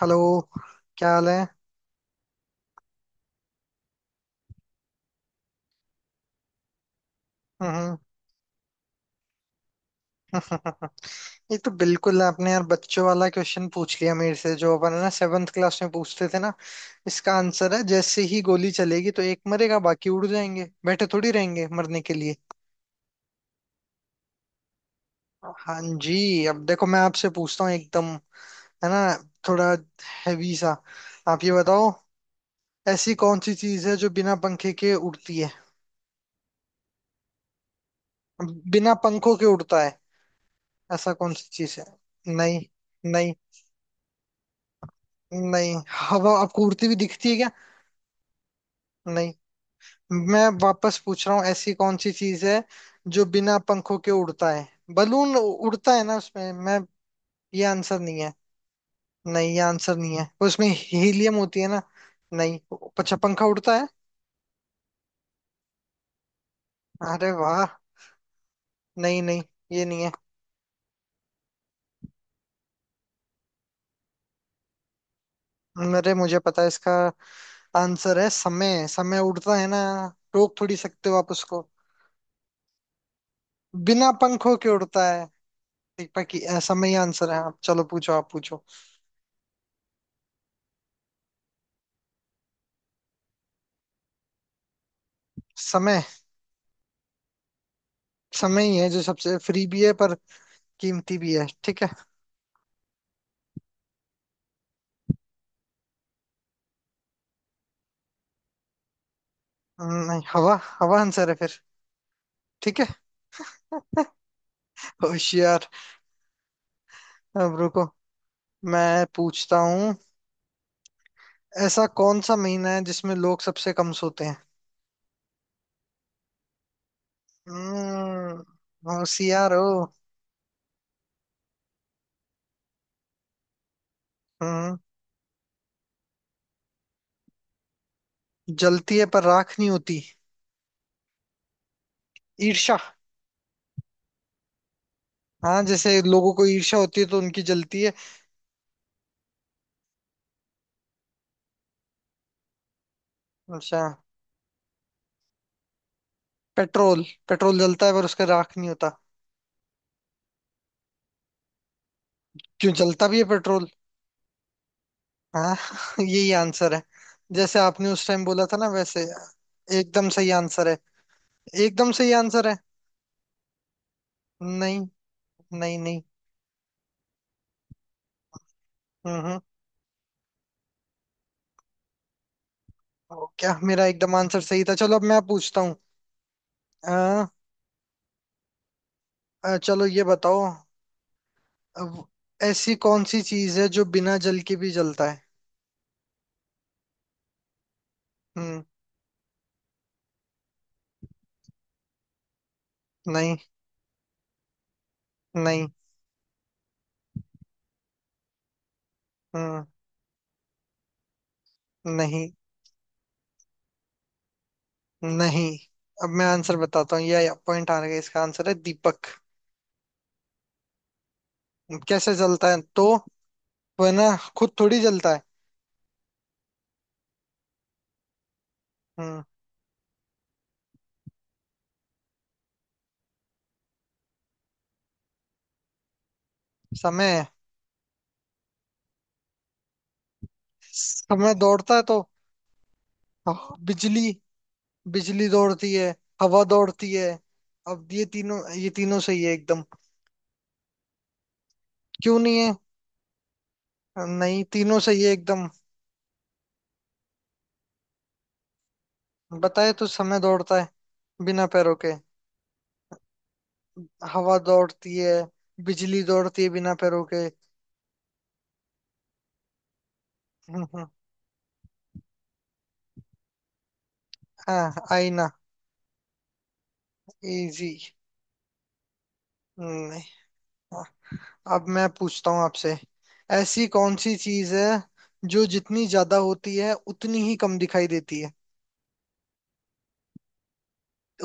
Hello. क्या हाल है। हम्म। ये तो बिल्कुल आपने यार बच्चों वाला क्वेश्चन पूछ लिया मेरे से, जो अपन है ना, सेवन्थ क्लास में पूछते थे ना। इसका आंसर है, जैसे ही गोली चलेगी तो एक मरेगा, बाकी उड़ जाएंगे, बैठे थोड़ी रहेंगे मरने के लिए। हाँ जी, अब देखो मैं आपसे पूछता हूँ एकदम। है ना। थोड़ा हैवी सा। आप ये बताओ, ऐसी कौन सी चीज है जो बिना पंखे के उड़ती है। बिना पंखों के उड़ता है, ऐसा कौन सी चीज है। नहीं। नहीं। नहीं। अब आपको उड़ती हुई दिखती है क्या। नहीं। मैं वापस पूछ रहा हूँ, ऐसी कौन सी चीज है जो बिना पंखों के उड़ता है। बलून उड़ता है ना उसमें मैं। ये आंसर नहीं है। नहीं, ये आंसर नहीं है, उसमें हीलियम होती है ना। नहीं। अच्छा, पंखा उड़ता है। अरे वाह। नहीं, नहीं, ये नहीं है। अरे मुझे पता है इसका। आंसर है समय, समय उड़ता है ना, रोक थोड़ी सकते हो आप उसको। बिना पंखों के उड़ता है, दीपक की। समय ही आंसर है, आप चलो पूछो, आप पूछो। समय, समय ही है जो सबसे फ्री भी है पर कीमती भी है, ठीक है। हम्म। नहीं, हवा, हवा आंसर है फिर, ठीक है। होशियार। अब रुको, मैं पूछता हूँ, ऐसा कौन सा महीना है जिसमें लोग सबसे कम सोते हैं। होशियार हो। हम्म जलती है पर राख नहीं होती। ईर्ष्या। हाँ, जैसे लोगों को ईर्ष्या होती है तो उनकी जलती है। अच्छा। पेट्रोल। पेट्रोल जलता है पर उसका राख नहीं होता। क्यों, जलता भी है पेट्रोल। हाँ। यही आंसर है। जैसे आपने उस टाइम बोला था ना वैसे, एकदम सही आंसर है। एकदम सही आंसर है। नहीं। नहीं। नहीं। हम्म, क्या, मेरा एकदम आंसर सही था, चलो अब मैं पूछता हूँ। अ, चलो ये बताओ, अब ऐसी कौन सी चीज है जो बिना जल के भी जलता है। हम्म नहीं। नहीं। हम्म नहीं। नहीं। अब मैं आंसर बताता हूँ, ये पॉइंट आ गया, इसका आंसर है दीपक। कैसे जलता है तो। वह ना, खुद थोड़ी जलता है। हम्म समय, समय दौड़ता है तो। हाँ, बिजली, बिजली दौड़ती है। हवा दौड़ती है। अब ये तीनों, ये तीनों सही है एकदम। क्यों नहीं है। नहीं, तीनों सही है एकदम। बताए तो समय दौड़ता है बिना पैरों के। हवा दौड़ती है। बिजली दौड़ती है बिना पैरों के। हम्म, हम्म, हाँ, आईना। इजी। नहीं। हाँ, अब मैं पूछता हूँ आपसे, ऐसी कौन सी चीज है जो जितनी ज्यादा होती है उतनी ही कम दिखाई देती है।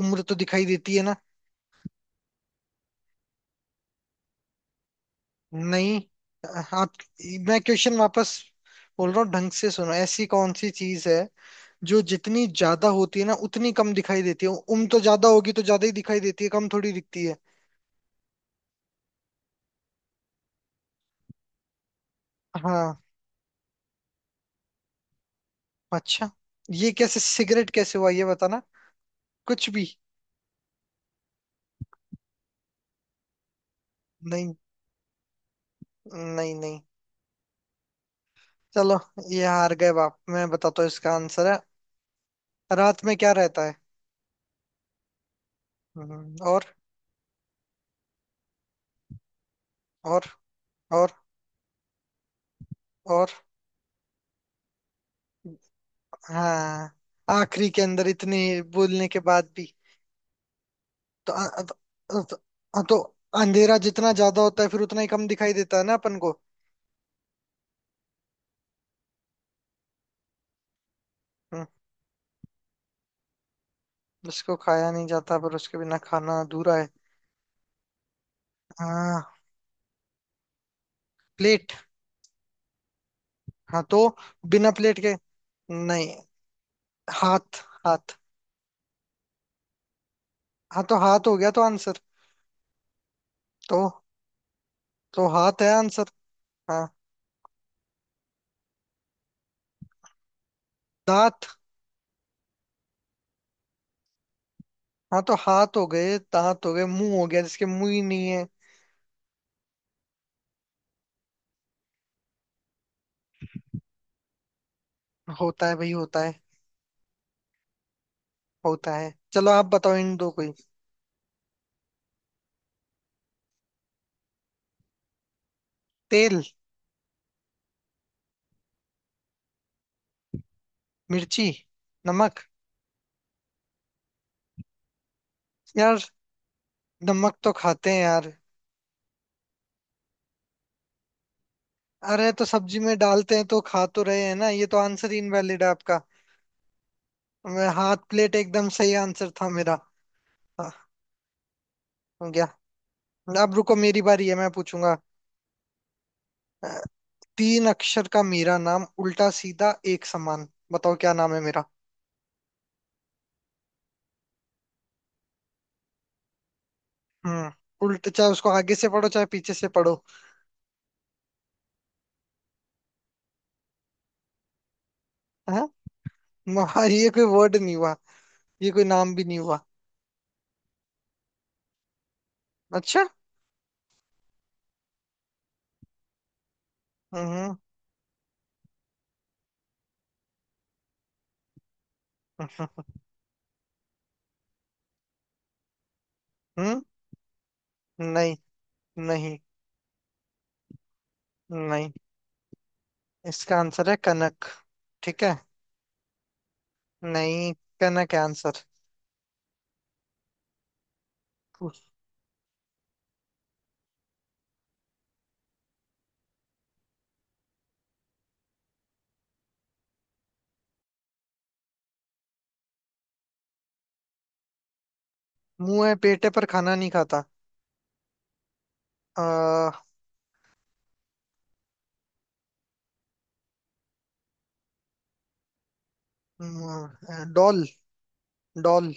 उम्र तो दिखाई देती है ना। नहीं। आप, मैं क्वेश्चन वापस बोल रहा हूँ, ढंग से सुनो, ऐसी कौन सी चीज है जो जितनी ज्यादा होती है ना उतनी कम दिखाई देती है, उम्र तो ज्यादा होगी तो ज्यादा ही दिखाई देती है, कम थोड़ी दिखती है। हाँ। अच्छा, ये कैसे, सिगरेट कैसे हुआ ये बताना। कुछ भी। नहीं। नहीं। नहीं। चलो ये हार गए बाप, मैं बताता हूँ इसका आंसर है। रात में क्या रहता है। और। और। और। और। हाँ, आखिरी के अंदर इतने बोलने के बाद भी। तो अंधेरा जितना ज्यादा होता है फिर उतना ही कम दिखाई देता है ना अपन को। हम्म, उसको खाया नहीं जाता पर उसके बिना खाना अधूरा है। हाँ, प्लेट। हाँ तो बिना प्लेट के। नहीं। हाथ। हाथ। हाँ तो हाथ हो गया तो आंसर। तो तो हाथ है आंसर। हाँ, दांत। हाँ, तो हाथ हो गए, दांत हो गए, मुंह हो गया, जिसके मुंह ही नहीं है। होता है भाई, होता है। होता है, चलो आप बताओ इन दो कोई। तेल। मिर्ची। नमक। यार, नमक तो खाते हैं यार। अरे तो सब्जी में डालते हैं तो खा तो रहे हैं ना, ये तो आंसर ही इनवैलिड है आपका। हाथ, प्लेट एकदम सही आंसर था मेरा। हाँ। हो गया। अब रुको, मेरी बारी है, मैं पूछूंगा। अ, तीन अक्षर का मेरा नाम, उल्टा सीधा एक समान, बताओ क्या नाम है मेरा। हम्म उल्टा, चाहे उसको आगे से पढ़ो चाहे पीछे से पढ़ो। हाँ। म- ये कोई वर्ड नहीं हुआ, ये कोई नाम भी नहीं हुआ। अच्छा। हम्म, हम्म, हम्म। नहीं, नहीं, नहीं, इसका आंसर है कनक, ठीक है। नहीं, कनक है आंसर। उस- मुंह है पेट है पर खाना नहीं खाता। आ, डॉल। डॉल।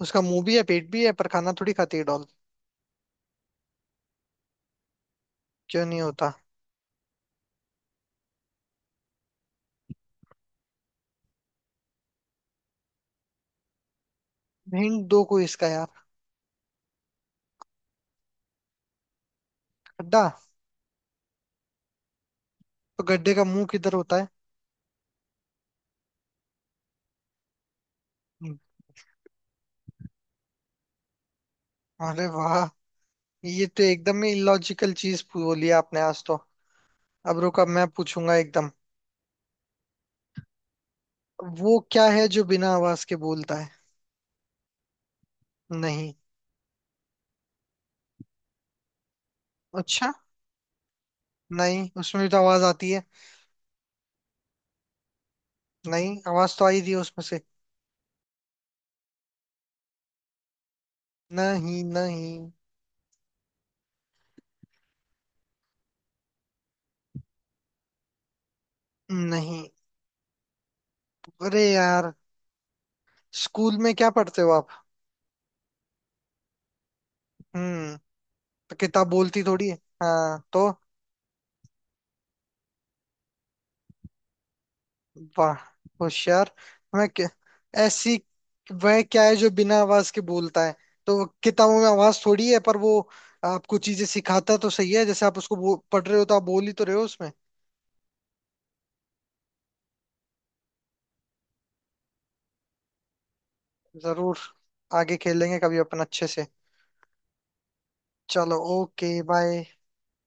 उसका मुंह भी है पेट भी है, पर खाना थोड़ी खाती है डॉल। क्यों नहीं होता। हिंट दो कोई इसका यार। गड्ढा। तो गड्ढे का मुंह किधर होता है। हम्म, अरे वाह। ये तो एकदम ही इलॉजिकल चीज बोली आपने आज तो। अब रुको, अब मैं पूछूंगा एकदम, वो क्या है जो बिना आवाज के बोलता है। नहीं। अच्छा। नहीं, उसमें भी तो आवाज आती है। नहीं, आवाज तो आई थी उसमें से। नहीं। नहीं। नहीं। अरे यार। स्कूल में क्या पढ़ते हो आप। हम्म तो किताब बोलती थोड़ी है। हाँ तो। वाह, होशियार। मैं क्या, ऐसी वह क्या है जो बिना आवाज के बोलता है। तो वो किताबों में आवाज थोड़ी है, पर वो आपको चीजें सिखाता तो सही है, जैसे आप उसको पढ़ रहे हो तो आप बोल ही तो रहे हो उसमें। जरूर, आगे खेलेंगे कभी अपन अच्छे से। चलो, ओके, बाय।